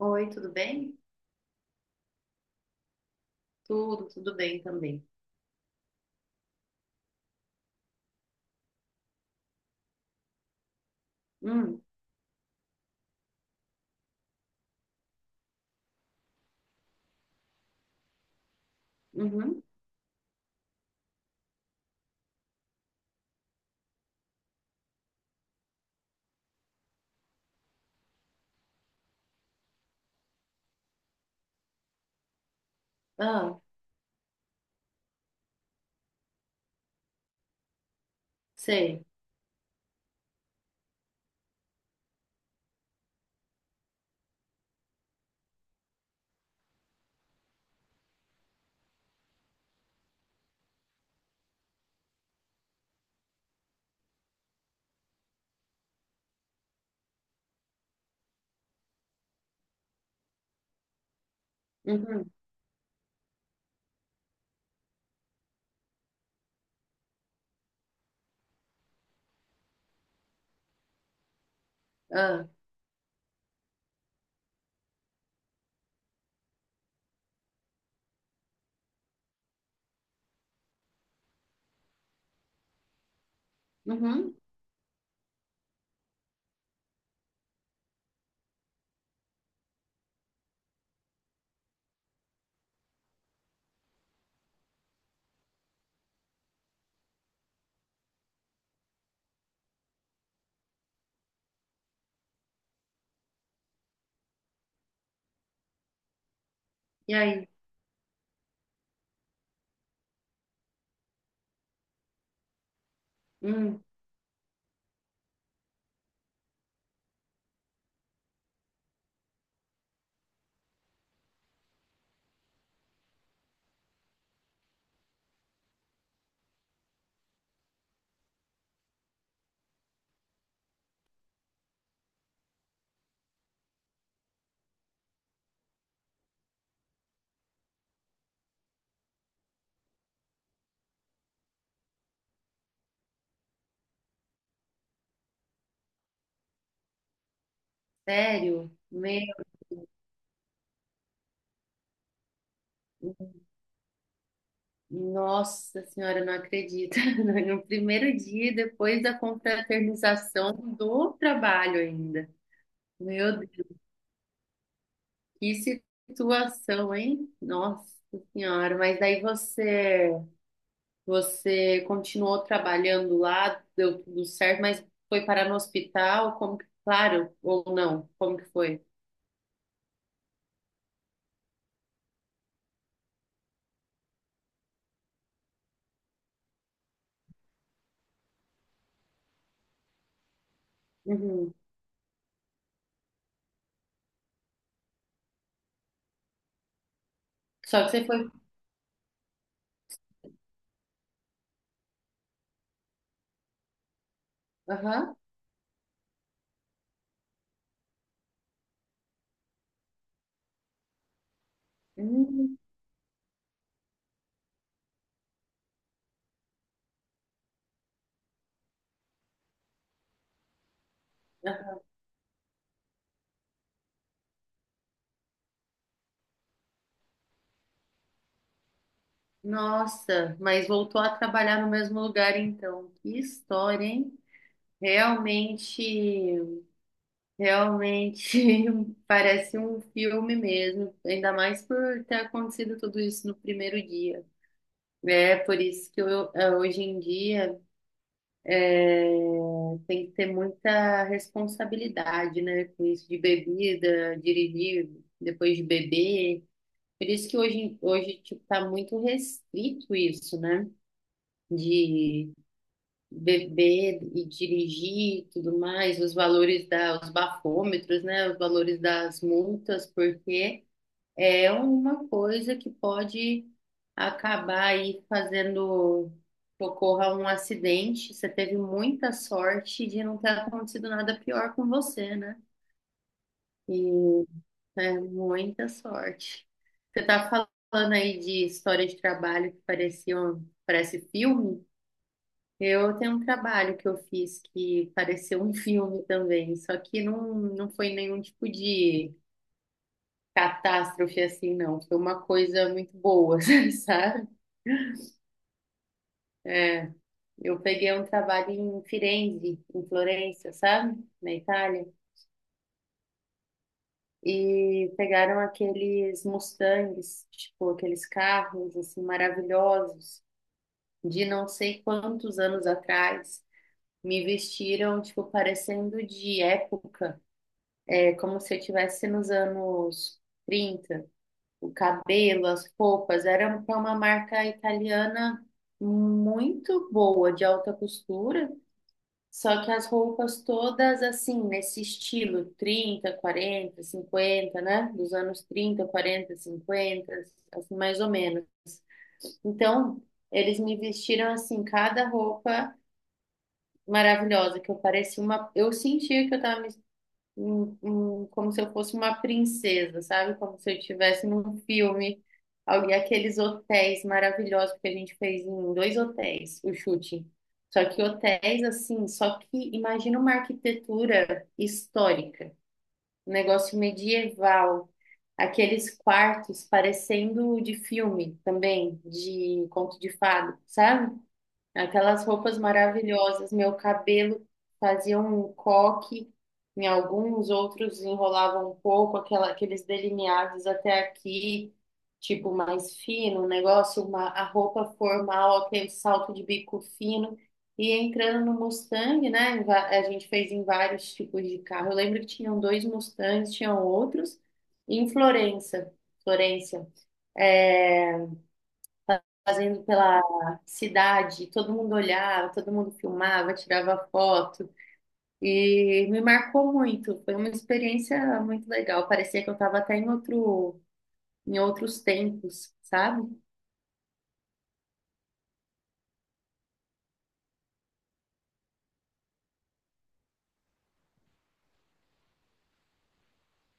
Oi, tudo bem? Tudo bem também. Hum. Uhum. Ah, sei. Uhum. Ah. Uhum. E aí? Hum. Sério? Meu, nossa senhora, eu não acredito. No primeiro dia, depois da confraternização do trabalho ainda. Meu Deus, que situação, hein? Nossa senhora, mas daí você continuou trabalhando lá, deu tudo certo, mas foi parar no hospital, como que, claro, ou não, como que foi? Uhum. Só que você foi, aham. Hum. Nossa, mas voltou a trabalhar no mesmo lugar então. Que história, hein? Realmente, realmente parece um filme mesmo, ainda mais por ter acontecido tudo isso no primeiro dia. É por isso que eu, hoje em dia é, tem que ter muita responsabilidade, né, com isso de bebida, dirigir depois de beber. Por isso que hoje tipo, tá muito restrito isso, né, de beber e dirigir e tudo mais, os valores da, os bafômetros, né, os valores das multas, porque é uma coisa que pode acabar aí fazendo que ocorra um acidente. Você teve muita sorte de não ter acontecido nada pior com você, né? E é muita sorte. Você tá falando aí de história de trabalho que parecia um, parece filme. Eu tenho um trabalho que eu fiz que pareceu um filme também, só que não foi nenhum tipo de catástrofe assim, não. Foi uma coisa muito boa, sabe? É. Eu peguei um trabalho em Firenze, em Florença, sabe? Na Itália. E pegaram aqueles Mustangs, tipo, aqueles carros assim maravilhosos de não sei quantos anos atrás. Me vestiram, tipo, parecendo de época. É como se eu estivesse nos anos 30, o cabelo, as roupas, era para uma marca italiana muito boa, de alta costura, só que as roupas todas assim, nesse estilo 30 40 50, né? Dos anos 30 40 50, assim, mais ou menos. Então, eles me vestiram assim, cada roupa maravilhosa, que eu parecia uma, eu sentia que eu estava me como se eu fosse uma princesa, sabe? Como se eu estivesse num filme, alguém, aqueles hotéis maravilhosos que a gente fez em dois hotéis, o chute. Só que hotéis assim, só que imagina uma arquitetura histórica, um negócio medieval, aqueles quartos parecendo de filme também, de conto de fada, sabe? Aquelas roupas maravilhosas, meu cabelo fazia um coque, em alguns outros enrolavam um pouco, aquela, aqueles delineados até aqui, tipo mais fino, um negócio, uma, a roupa formal, aquele salto de bico fino. E entrando no Mustang, né? A gente fez em vários tipos de carro. Eu lembro que tinham dois Mustangs, tinham outros, em Florença, Florença. É, fazendo pela cidade, todo mundo olhava, todo mundo filmava, tirava foto e me marcou muito. Foi uma experiência muito legal. Parecia que eu estava até em outro, em outros tempos, sabe?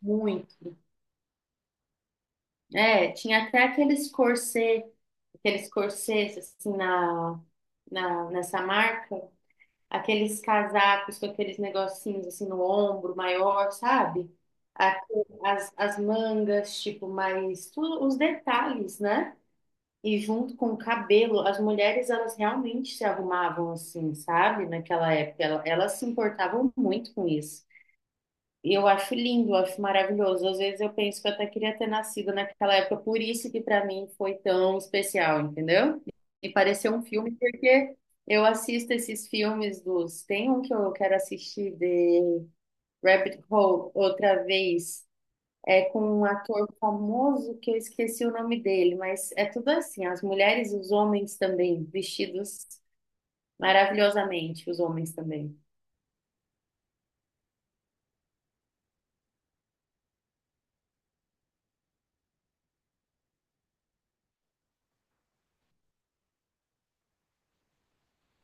Muito. É, tinha até aqueles corset, aqueles corsets assim na, nessa marca. Aqueles casacos com aqueles negocinhos assim no ombro maior, sabe? A- As, as mangas, tipo, mais tudo, os detalhes, né? E junto com o cabelo, as mulheres elas realmente se arrumavam assim, sabe? Naquela época, elas se importavam muito com isso. E eu acho lindo, eu acho maravilhoso. Às vezes eu penso que eu até queria ter nascido naquela época, por isso que para mim foi tão especial, entendeu? E pareceu um filme, porque eu assisto esses filmes dos. Tem um que eu quero assistir de Rabbit Hole outra vez. É com um ator famoso que eu esqueci o nome dele, mas é tudo assim, as mulheres e os homens também, vestidos maravilhosamente, os homens também.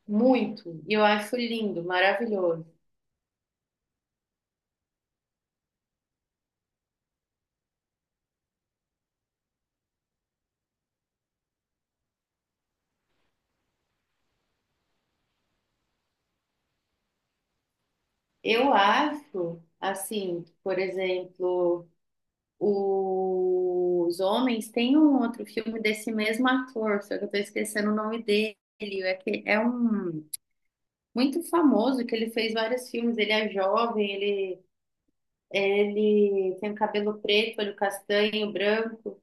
Muito. E eu acho lindo, maravilhoso. Eu acho, assim, por exemplo, os homens tem um outro filme desse mesmo ator, só que eu tô esquecendo o nome dele. É que é um muito famoso que ele fez vários filmes. Ele é jovem, ele tem cabelo preto, olho castanho, branco,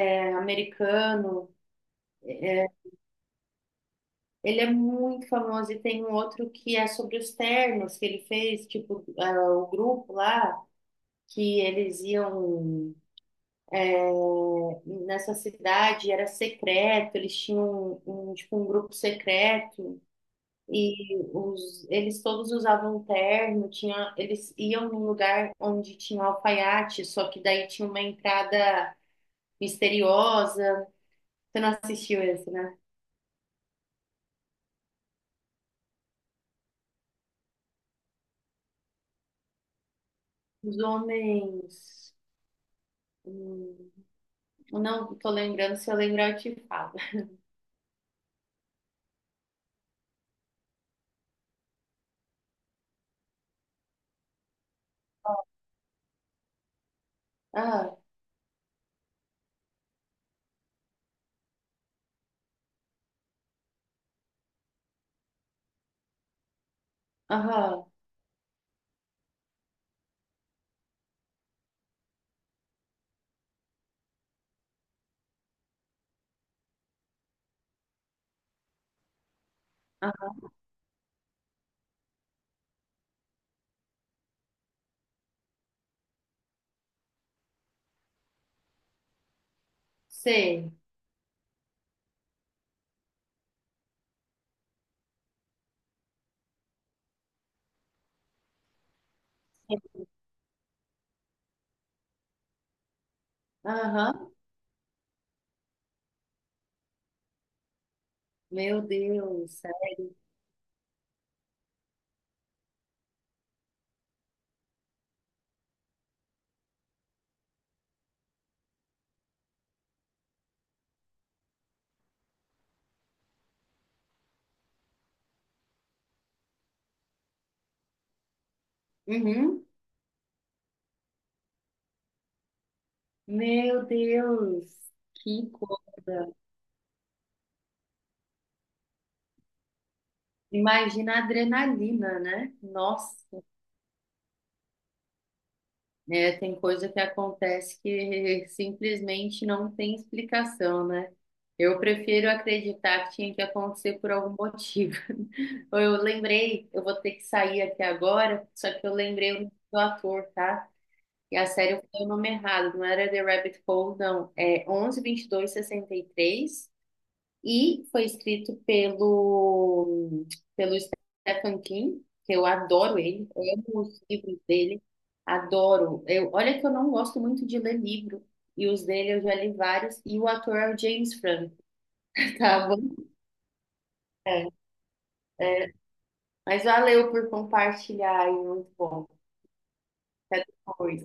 é americano. Ele é muito famoso e tem um outro que é sobre os ternos que ele fez, tipo, ah, o grupo lá que eles iam nessa cidade era secreto, eles tinham tipo, um grupo secreto e os, eles todos usavam um terno, tinha, eles iam num lugar onde tinha um alfaiate, só que daí tinha uma entrada misteriosa. Você não assistiu esse, né? Os homens. Hum, não tô lembrando, se eu lembrar eu te falo. Ah, aham, aham, sei. Aham, meu Deus, sério. Uhum. Meu Deus, que coisa. Imagina a adrenalina, né? Nossa, né, tem coisa que acontece que simplesmente não tem explicação, né? Eu prefiro acreditar que tinha que acontecer por algum motivo. Eu lembrei, eu vou ter que sair aqui agora, só que eu lembrei o nome do ator, tá? E a série foi o nome errado, não era The Rabbit Hole, não. É 11/22/63. E foi escrito pelo, pelo Stephen King, que eu adoro ele, eu amo os livros dele, adoro. Eu, olha que eu não gosto muito de ler livro, e os dele eu já li vários, e o ator é o James Franco. Tá bom? É. Mas valeu por compartilhar, e muito bom. Até depois.